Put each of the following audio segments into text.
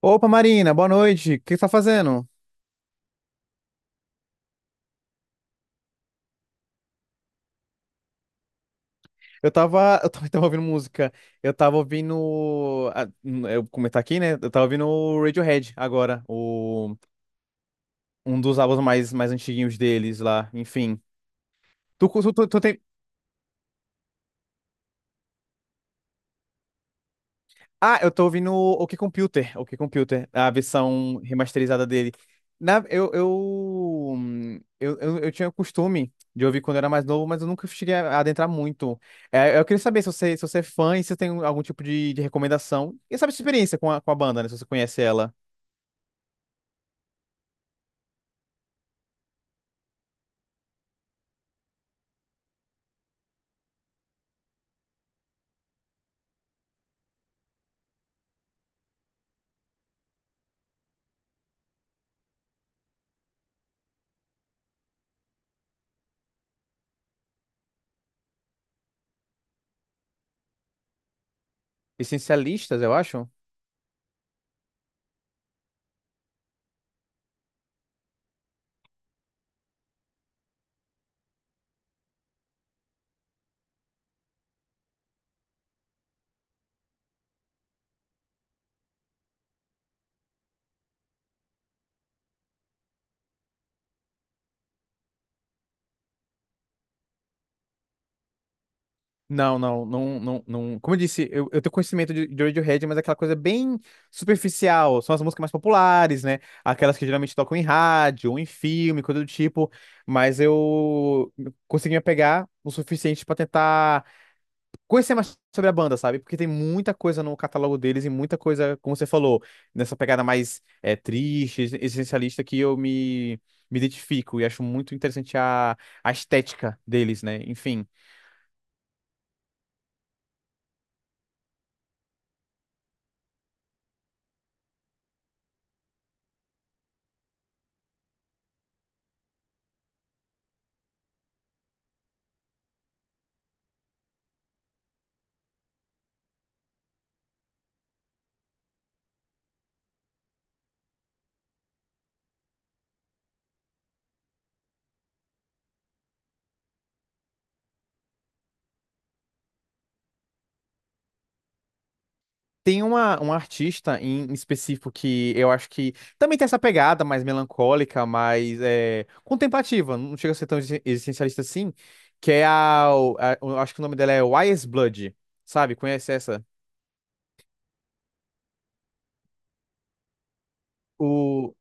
Opa, Marina, boa noite. O que você tá fazendo? Eu tava, eu também tava ouvindo música. Eu tava ouvindo, eu vou comentar aqui, né? Eu tava ouvindo o Radiohead agora, o um dos álbuns mais antiguinhos deles lá, enfim. Tu tu, tu, tu tem- Ah, eu tô ouvindo o OK Computer, OK Computer, a versão remasterizada dele. Na, Eu tinha o costume de ouvir quando eu era mais novo, mas eu nunca cheguei a adentrar muito. É, eu queria saber se você, se você é fã e se tem algum tipo de recomendação. E sabe a sua experiência com a banda, né? Se você conhece ela. Essencialistas, eu acho. Não, não, não, não, não. Como eu disse, eu tenho conhecimento de Radiohead, mas é aquela coisa bem superficial. São as músicas mais populares, né? Aquelas que geralmente tocam em rádio, ou em filme, coisa do tipo. Mas eu consegui me apegar o suficiente pra tentar conhecer mais sobre a banda, sabe? Porque tem muita coisa no catálogo deles e muita coisa, como você falou, nessa pegada mais é, triste, existencialista que eu me, me identifico e acho muito interessante a estética deles, né? Enfim. Tem uma, um artista em específico que eu acho que também tem essa pegada mais melancólica, mais é, contemplativa, não chega a ser tão existencialista assim, que é a, eu acho que o nome dela é Wise Blood, sabe? Conhece essa? O,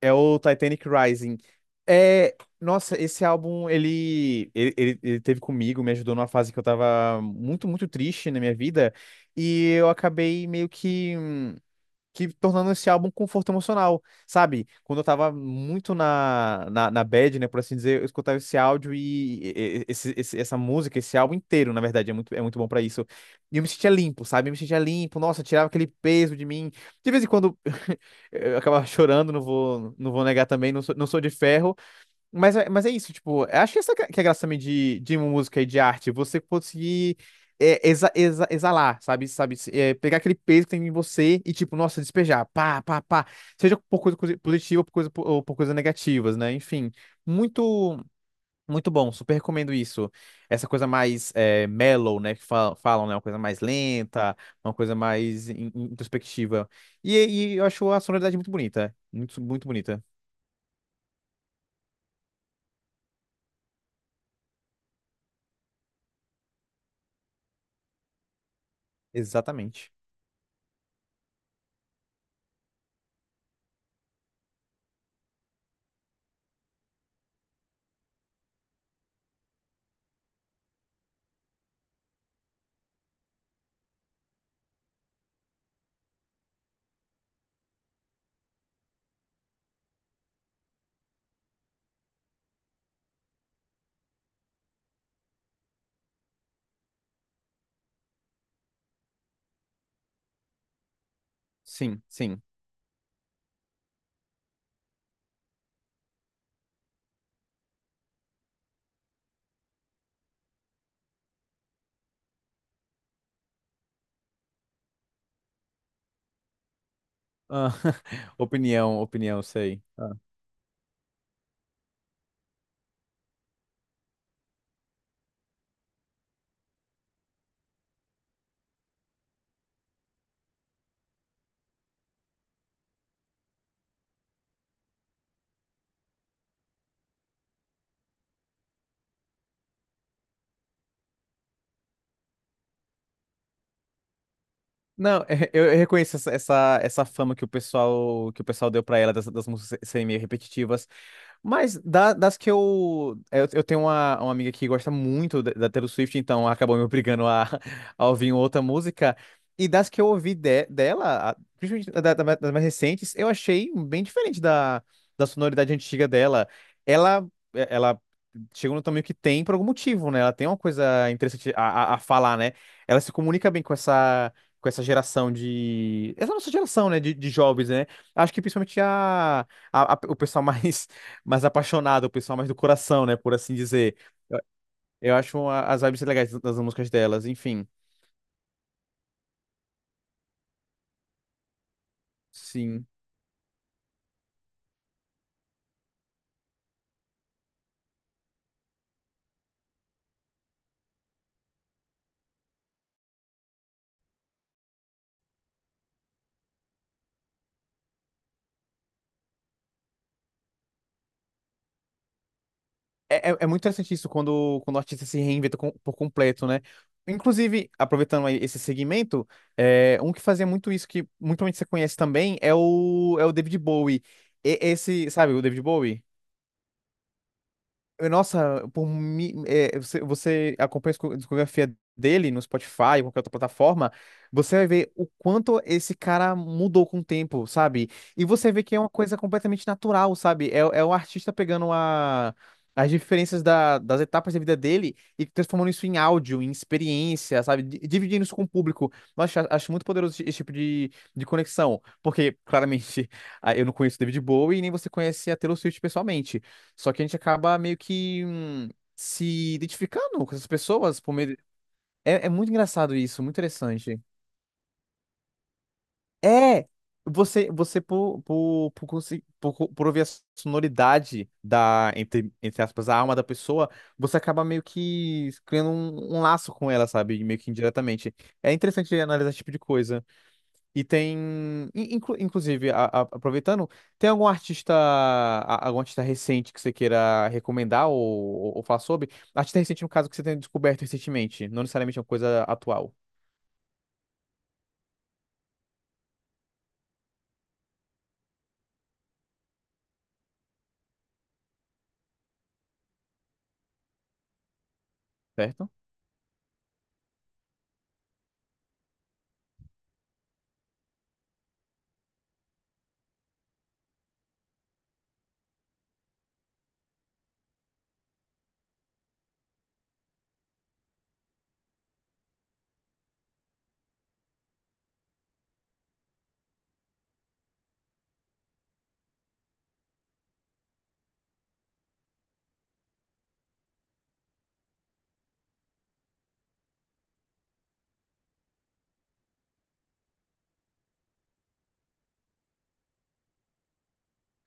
é o Titanic Rising. É, nossa, esse álbum, ele teve comigo, me ajudou numa fase que eu tava muito, muito triste na minha vida, e eu acabei meio que. Que tornando esse álbum um conforto emocional, sabe? Quando eu tava muito na bad, né, por assim dizer, eu escutava esse áudio e, esse, essa música, esse álbum inteiro, na verdade, é muito bom pra isso. E eu me sentia limpo, sabe? Eu me sentia limpo, nossa, tirava aquele peso de mim. De vez em quando eu acabava chorando, não vou, não vou negar também, não sou, não sou de ferro, mas, mas é isso, tipo, eu acho que essa que é a graça também de música e de arte, você conseguir é, exalar, sabe? Sabe? É, pegar aquele peso que tem em você e, tipo, nossa, despejar, pá, pá, pá. Seja por coisa positiva ou por coisa, ou por coisas negativas, né? Enfim, muito, muito bom, super recomendo isso. Essa coisa mais é, mellow, né? Que falam, né? Uma coisa mais lenta, uma coisa mais introspectiva. E, e eu acho a sonoridade muito bonita, muito, muito bonita. Exatamente. Sim, sim. Ah, opinião, opinião, sei. Ah. Não, eu reconheço essa, essa, essa fama que o pessoal deu pra ela das, das músicas serem meio repetitivas. Mas da- das que eu. Eu tenho uma amiga que gosta muito da, da Taylor Swift, então acabou me obrigando a, a ouvir outra música. E das que eu ouvi dela, principalmente das mais recentes, eu achei bem diferente da, da sonoridade antiga dela. Ela, é, ela chegou no tamanho que tem por algum motivo, né? Ela tem uma coisa interessante a falar, né? Ela se comunica bem com essa. Com essa geração de. Essa nossa geração, né? De jovens, né? Acho que principalmente a, o pessoal mais mais apaixonado, o pessoal mais do coração, né? Por assim dizer. Eu, eu acho uma- as vibes legais das músicas delas, enfim. Sim. É, é, é muito interessante isso quando, quando o artista se reinventa por completo, né? Inclusive, aproveitando aí esse segmento, é, um que fazia muito isso, que muito provavelmente você conhece também, é o, é o David Bowie. Esse, sabe, o David Bowie? Nossa, por é, você, você acompanha a discografia dele no Spotify, qualquer outra plataforma, você vai ver o quanto esse cara mudou com o tempo, sabe? E você vê que é uma coisa completamente natural, sabe? É, é o artista pegando a, as diferenças das etapas da vida dele e transformando isso em áudio, em experiência, sabe? Dividindo isso com o público. Nossa, acho muito poderoso esse tipo de conexão, porque claramente ah, eu não conheço David Bowie e nem você conhece a Taylor Swift pessoalmente. Só que a gente acaba meio que se identificando com essas pessoas por meio. É, é muito engraçado isso, muito interessante. É! Você, você por, consi- por, co- por ouvir a sonoridade da, entre, entre aspas, a alma da pessoa, você acaba meio que criando um, um laço com ela, sabe? Meio que indiretamente. É interessante analisar esse tipo de coisa. E tem, inclusive, aproveitando, tem algum artista, algum artista recente que você queira recomendar ou falar sobre? Artista recente, no caso, que você tenha descoberto recentemente, não necessariamente uma coisa atual, certo?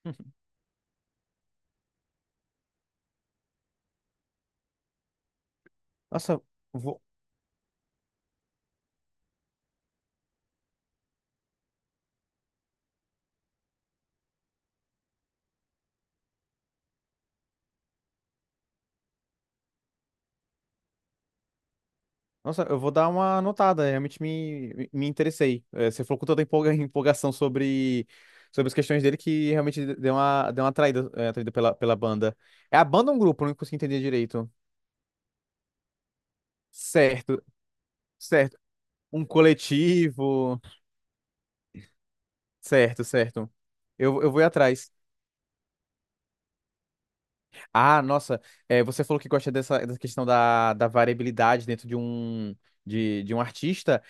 Nossa, vou, nossa, eu vou dar uma anotada, realmente me, me me interessei. Eh, você falou com tanta empolgação sobre, sobre as questões dele que realmente deu uma atraída, eh, atraída pela, pela banda. É a banda ou um grupo? Eu não consegui entender direito. Certo, certo. Um coletivo. Certo, certo. Eu vou ir atrás. Ah, nossa, é, você falou que gosta dessa, dessa questão da, da variabilidade dentro de um artista.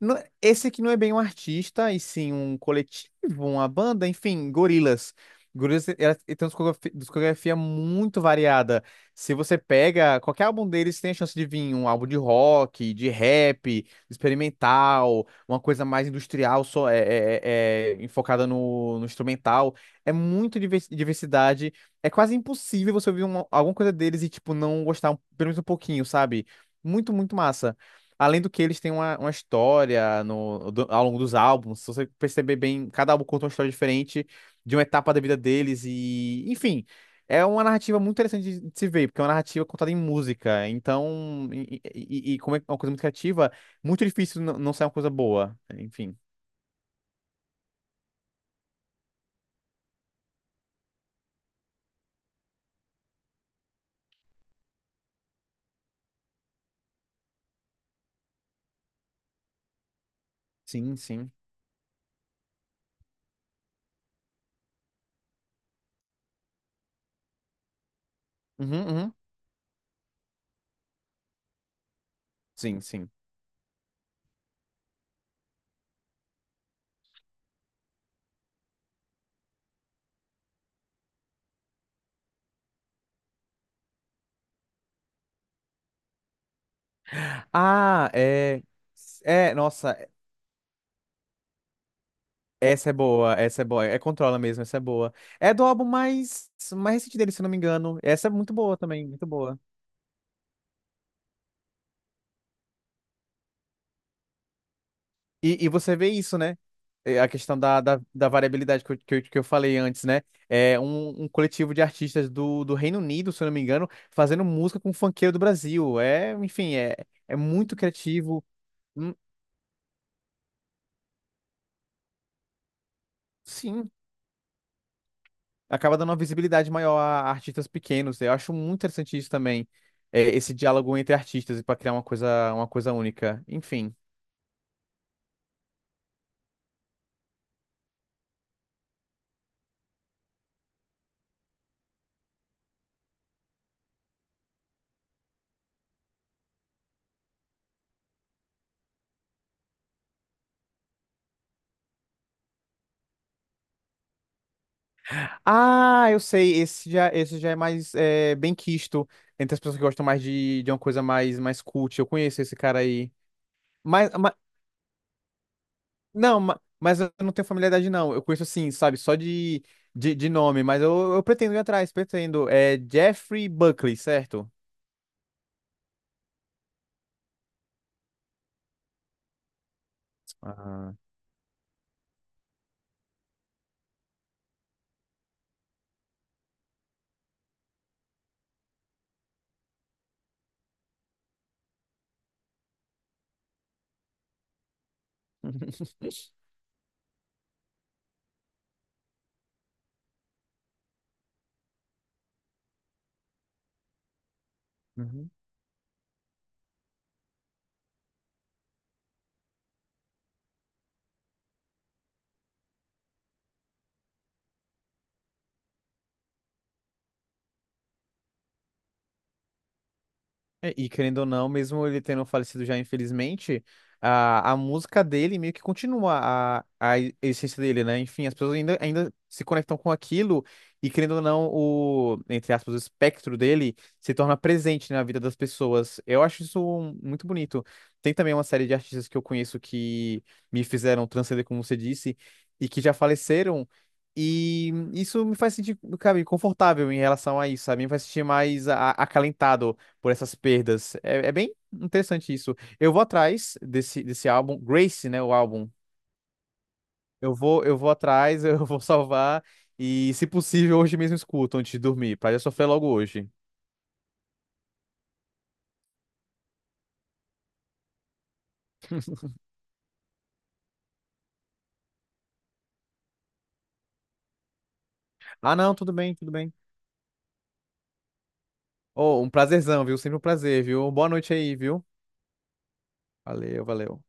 Não- Esse aqui não é bem um artista, e sim um coletivo, uma banda, enfim, Gorillaz. Gorillaz tem uma discografia muito variada. Se você pega qualquer álbum deles, tem a chance de vir um álbum de rock, de rap, experimental, uma coisa mais industrial, só é, enfocada no, no instrumental. É muito diversidade é quase impossível você ouvir alguma coisa deles e, tipo, não gostar pelo menos um pouquinho, sabe? Muito, muito massa. Além do que eles têm uma história no, ao longo dos álbuns. Se você perceber bem, cada álbum conta uma história diferente de uma etapa da vida deles e, enfim, é uma narrativa muito interessante de se ver, porque é uma narrativa contada em música. Então, e, como é uma coisa muito criativa, muito difícil não sair uma coisa boa. Enfim, sim, sim. Uhum, uhum. Sim, sim. Ah, é. É, nossa. Essa é boa, essa é boa. É Controla mesmo, essa é boa. É do álbum mais, mais recente dele, se eu não me engano. Essa é muito boa também, muito boa. E você vê isso, né? É, a questão da, da, da variabilidade que eu, que eu, que eu falei antes, né? É um, um coletivo de artistas do, do Reino Unido, se eu não me engano, fazendo música com funkeiro do Brasil. É, enfim, é, é muito criativo. Hum, Sim, acaba dando uma visibilidade maior a artistas pequenos. Eu acho muito interessante isso também. É, esse diálogo entre artistas e para criar uma coisa única. Enfim. Ah, eu sei, esse já é mais é, bem quisto entre as pessoas que gostam mais de uma coisa mais, mais cult. Eu conheço esse cara aí. Mas não, mas, eu não tenho familiaridade, não. Eu conheço assim, sabe, só de nome, mas eu pretendo ir atrás, pretendo. É Jeffrey Buckley, certo? Ah. É, e querendo ou não, mesmo ele tendo falecido já, infelizmente, a música dele meio que continua a essência dele, né? Enfim, as pessoas ainda, ainda se conectam com aquilo e, querendo ou não, o, entre aspas, o espectro dele se torna presente na vida das pessoas. Eu acho isso um- muito bonito. Tem também uma série de artistas que eu conheço que me fizeram transcender, como você disse, e que já faleceram. E isso me faz sentir, cara, confortável em relação a isso, sabe? Me faz sentir mais acalentado por essas perdas. É, é bem interessante isso. Eu vou atrás desse, desse álbum, Grace, né? O álbum. Eu vou atrás, eu vou salvar. E, se possível, hoje mesmo escuto antes de dormir, pra já sofrer logo hoje. Ah, não, tudo bem, tudo bem. Oh, um prazerzão, viu? Sempre um prazer, viu? Boa noite aí, viu? Valeu, valeu.